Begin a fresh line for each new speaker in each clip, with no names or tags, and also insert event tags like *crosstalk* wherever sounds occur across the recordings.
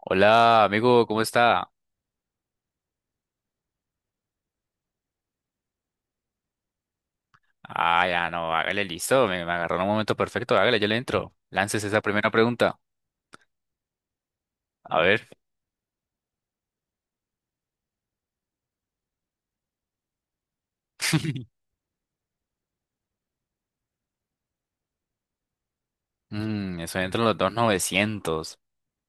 Hola, amigo, ¿cómo está? Ah, ya no, hágale listo, me agarró en un momento perfecto, hágale, yo le entro. Lances esa primera pregunta. A ver. *laughs* Eso entra en los dos novecientos.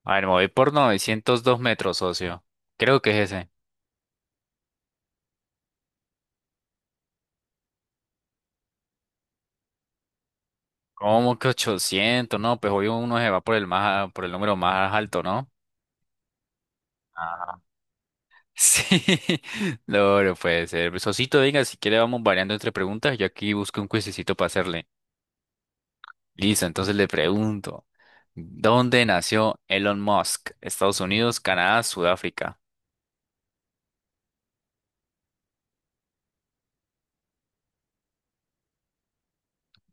A ver, me voy por 902 metros, socio. Creo que es ese. ¿Cómo que 800? No, pues hoy uno se va por el número más alto, ¿no? Ah. Sí. *laughs* No, no puede ser. Socito, venga, si quiere vamos variando entre preguntas. Yo aquí busco un cuisecito para hacerle. Listo, entonces le pregunto, ¿dónde nació Elon Musk? ¿Estados Unidos, Canadá, Sudáfrica?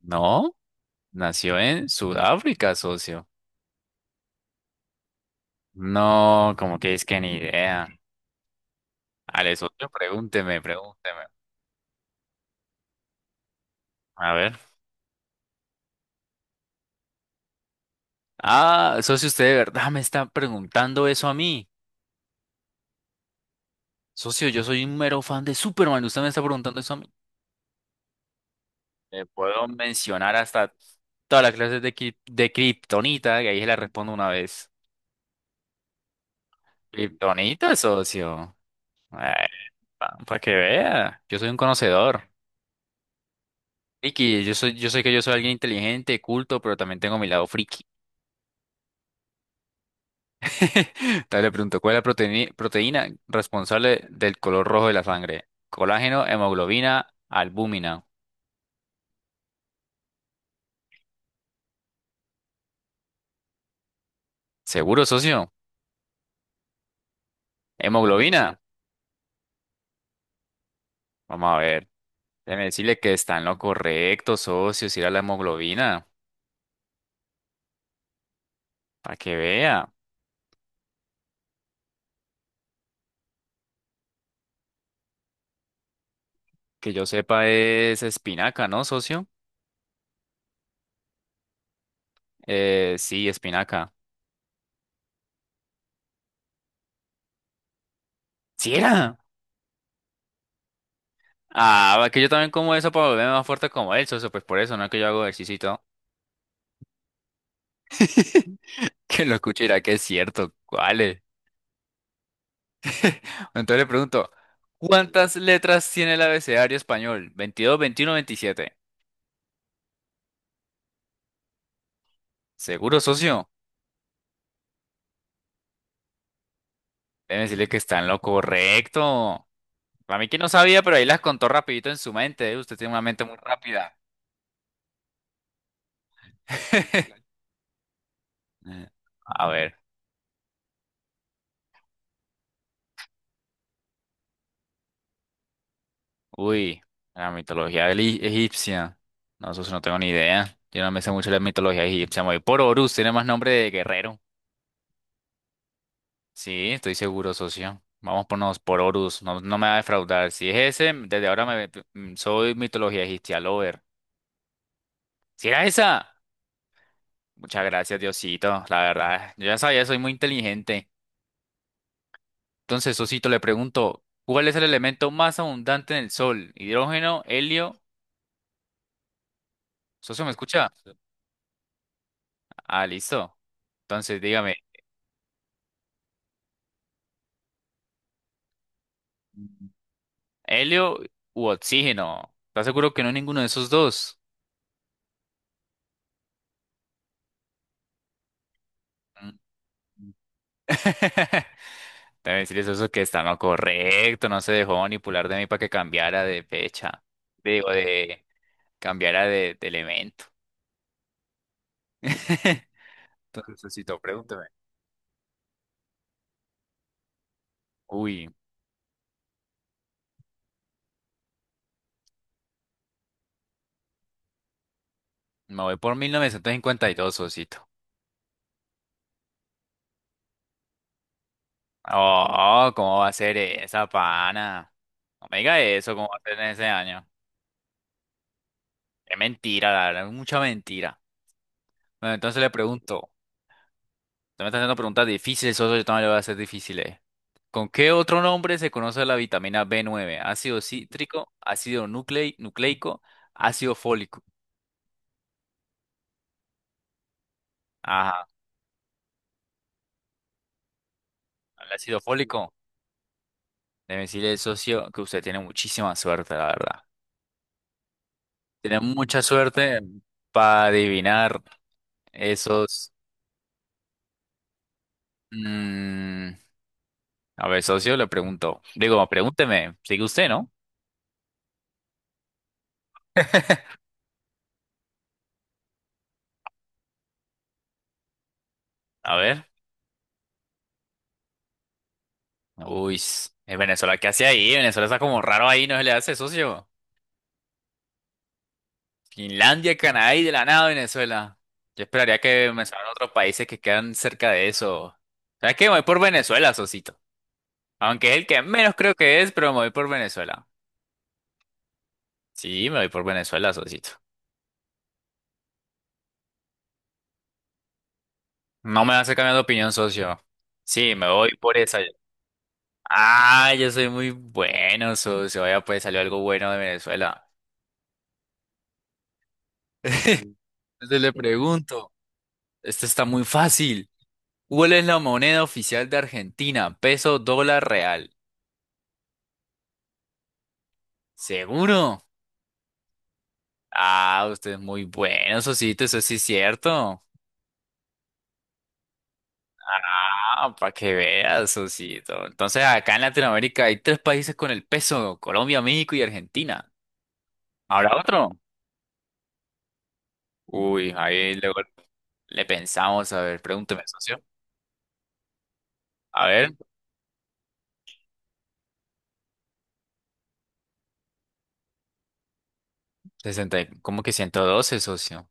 No, nació en Sudáfrica, socio. No, como que es que ni idea. Ale, socio, pregúnteme, pregúnteme. A ver. Ah, socio, usted de verdad me está preguntando eso a mí. Socio, yo soy un mero fan de Superman, usted me está preguntando eso a mí. Le puedo mencionar hasta todas las clases de kriptonita, que ahí se la respondo una vez. Kriptonita, socio. Para que vea, yo soy un conocedor. Friki, yo sé que yo soy alguien inteligente, culto, pero también tengo mi lado friki. *laughs* Entonces le pregunto, ¿cuál es la proteína responsable del color rojo de la sangre? Colágeno, hemoglobina, albúmina. ¿Seguro, socio? ¿Hemoglobina? Vamos a ver. Déjeme decirle que está en lo correcto, socio, si era la hemoglobina. Para que vea. Que yo sepa es espinaca, ¿no, socio? Sí, espinaca. ¿Sí era? Ah, que yo también como eso para volverme más fuerte como él, socio, pues por eso, no es que yo hago ejercicio y todo. *laughs* Que lo escuche y dirá que es cierto, ¿cuál es? Entonces le pregunto, ¿cuántas letras tiene el abecedario español? 22, 21, 27. ¿Seguro, socio? Debe decirle que está en lo correcto. Para mí que no sabía, pero ahí las contó rapidito en su mente, ¿eh? Usted tiene una mente muy rápida. *laughs* A ver. Uy, la mitología egipcia. No, eso sí no tengo ni idea. Yo no me sé mucho la mitología egipcia. Me voy por Horus, tiene más nombre de guerrero. Sí, estoy seguro, socio. Vamos por Horus, no, no me va a defraudar. Si es ese, desde ahora soy mitología egipcia lover. ¿Si era esa? Muchas gracias, Diosito. La verdad, yo ya sabía, soy muy inteligente. Entonces, socito, le pregunto, ¿cuál es el elemento más abundante en el Sol? ¿Hidrógeno, helio? ¿Socio, me escucha? Ah, listo. Entonces, dígame. ¿Helio u oxígeno? ¿Estás seguro que no es ninguno de esos dos? Mm. *laughs* Debe decirles eso que está no correcto, no se dejó manipular de mí para que cambiara de fecha, digo, de cambiara de elemento. *laughs* Entonces, Sosito, pregúntame. Uy, me voy por 1952 Sosito. Oh, ¿cómo va a ser esa pana? No me diga eso, ¿cómo va a ser en ese año? Es mentira, la verdad, es mucha mentira. Bueno, entonces le pregunto, tú me estás haciendo preguntas difíciles, socio, yo también le voy a hacer difíciles. ¿Con qué otro nombre se conoce la vitamina b nueve? Ácido cítrico, ácido nucleico, ácido fólico. Ajá, el ácido fólico. Debe decirle, socio, que usted tiene muchísima suerte, la verdad. Tiene mucha suerte para adivinar esos... mm, A ver, socio, le pregunto. Digo, pregúnteme, sigue usted, ¿no? *laughs* A ver. Uy, es Venezuela, ¿qué hace ahí? Venezuela está como raro ahí, ¿no se le hace, socio? Finlandia, Canadá y de la nada Venezuela. Yo esperaría que mencionaran otros países que quedan cerca de eso. ¿Sabes qué? Me voy por Venezuela, Sosito. Aunque es el que menos creo que es, pero me voy por Venezuela. Sí, me voy por Venezuela, Sosito. No me vas a cambiar de opinión, socio. Sí, me voy por esa. Ah, yo soy muy bueno, socio. Vaya, pues salió algo bueno de Venezuela. *laughs* Entonces le pregunto, esto está muy fácil. ¿Cuál es la moneda oficial de Argentina? Peso, dólar, real. ¿Seguro? Ah, usted es muy bueno, Sosito, eso sí es cierto. Ah, para que veas, Sosito. Entonces, acá en Latinoamérica hay tres países con el peso, Colombia, México y Argentina. ¿Habrá otro? Uy, ahí luego le pensamos, a ver, pregúnteme, socio. A ver, sesenta, ¿cómo que 112, socio?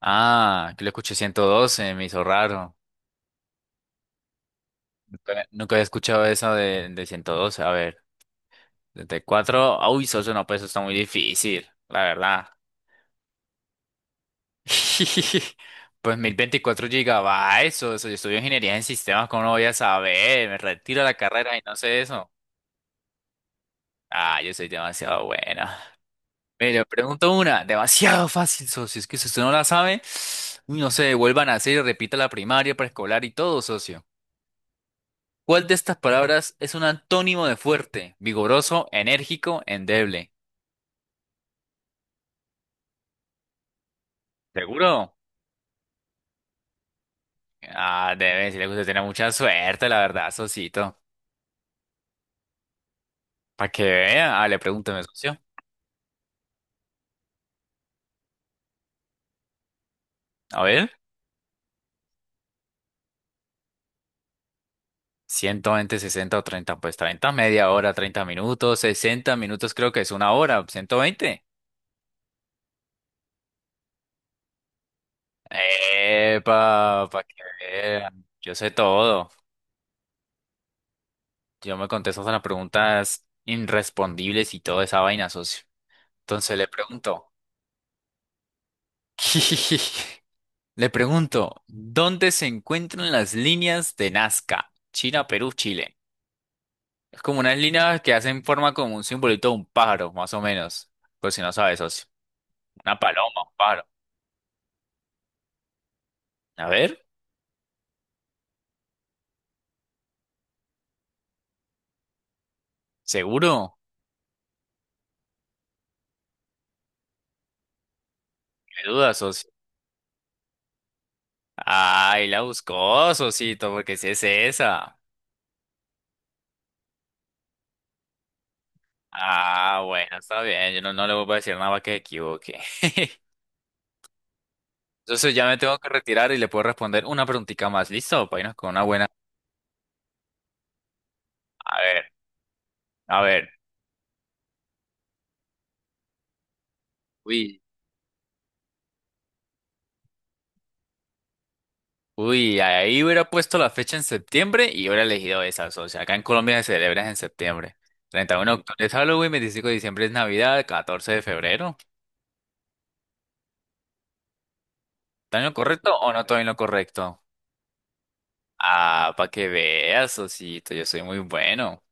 Ah, que le escuché 112, me hizo raro. Nunca, nunca había escuchado eso de 112. A ver, 74. Uy, socio, no, pues eso está muy difícil, la verdad. *laughs* Pues 1024 gigabytes, o eso, yo estudio ingeniería en sistemas, ¿cómo no voy a saber? Me retiro de la carrera y no sé eso. Ah, yo soy demasiado buena. Mira, pregunto una, demasiado fácil, socio, es que si usted no la sabe, uy, no sé, vuelvan a hacer y repita la primaria, preescolar y todo, socio. ¿Cuál de estas palabras es un antónimo de fuerte, vigoroso, enérgico, endeble? ¿Seguro? Ah, debe decirle que usted tiene mucha suerte, la verdad, socito. Para que vea, ah, le pregúnteme, socio. A ver. 120 60 o 30 pues 30 media hora, 30 minutos, 60 minutos creo que es una hora, 120. Epa, para que vean. Yo sé todo. Yo me contesto a las preguntas irrespondibles y toda esa vaina, socio. Entonces le pregunto, *laughs* le pregunto, ¿dónde se encuentran las líneas de Nazca? China, Perú, Chile. Es como unas líneas que hacen forma como un simbolito de un pájaro, más o menos. Por si no sabes, socio. Una paloma, un pájaro. A ver. ¿Seguro? ¿Qué duda, socio? Ay, la buscó, socito, porque si es esa. Ah, bueno, está bien. Yo no, no le voy a decir nada para que se equivoque. *laughs* Entonces ya me tengo que retirar y le puedo responder una preguntita más. ¿Listo? Para irnos con una buena. A ver, a ver. Uy, uy, ahí hubiera puesto la fecha en septiembre y hubiera elegido esa, socio. Acá en Colombia se celebra en septiembre. 31 de octubre es Halloween, 25 de diciembre es Navidad, 14 de febrero. ¿Está en lo correcto o no estoy en lo correcto? Ah, para que veas, Sosito, yo soy muy bueno.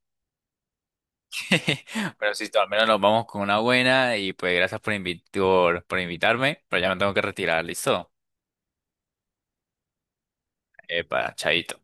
*laughs* Pero si al menos nos vamos con una buena y pues gracias por invitarme, pero ya me tengo que retirar, ¿listo? Epa, chaito.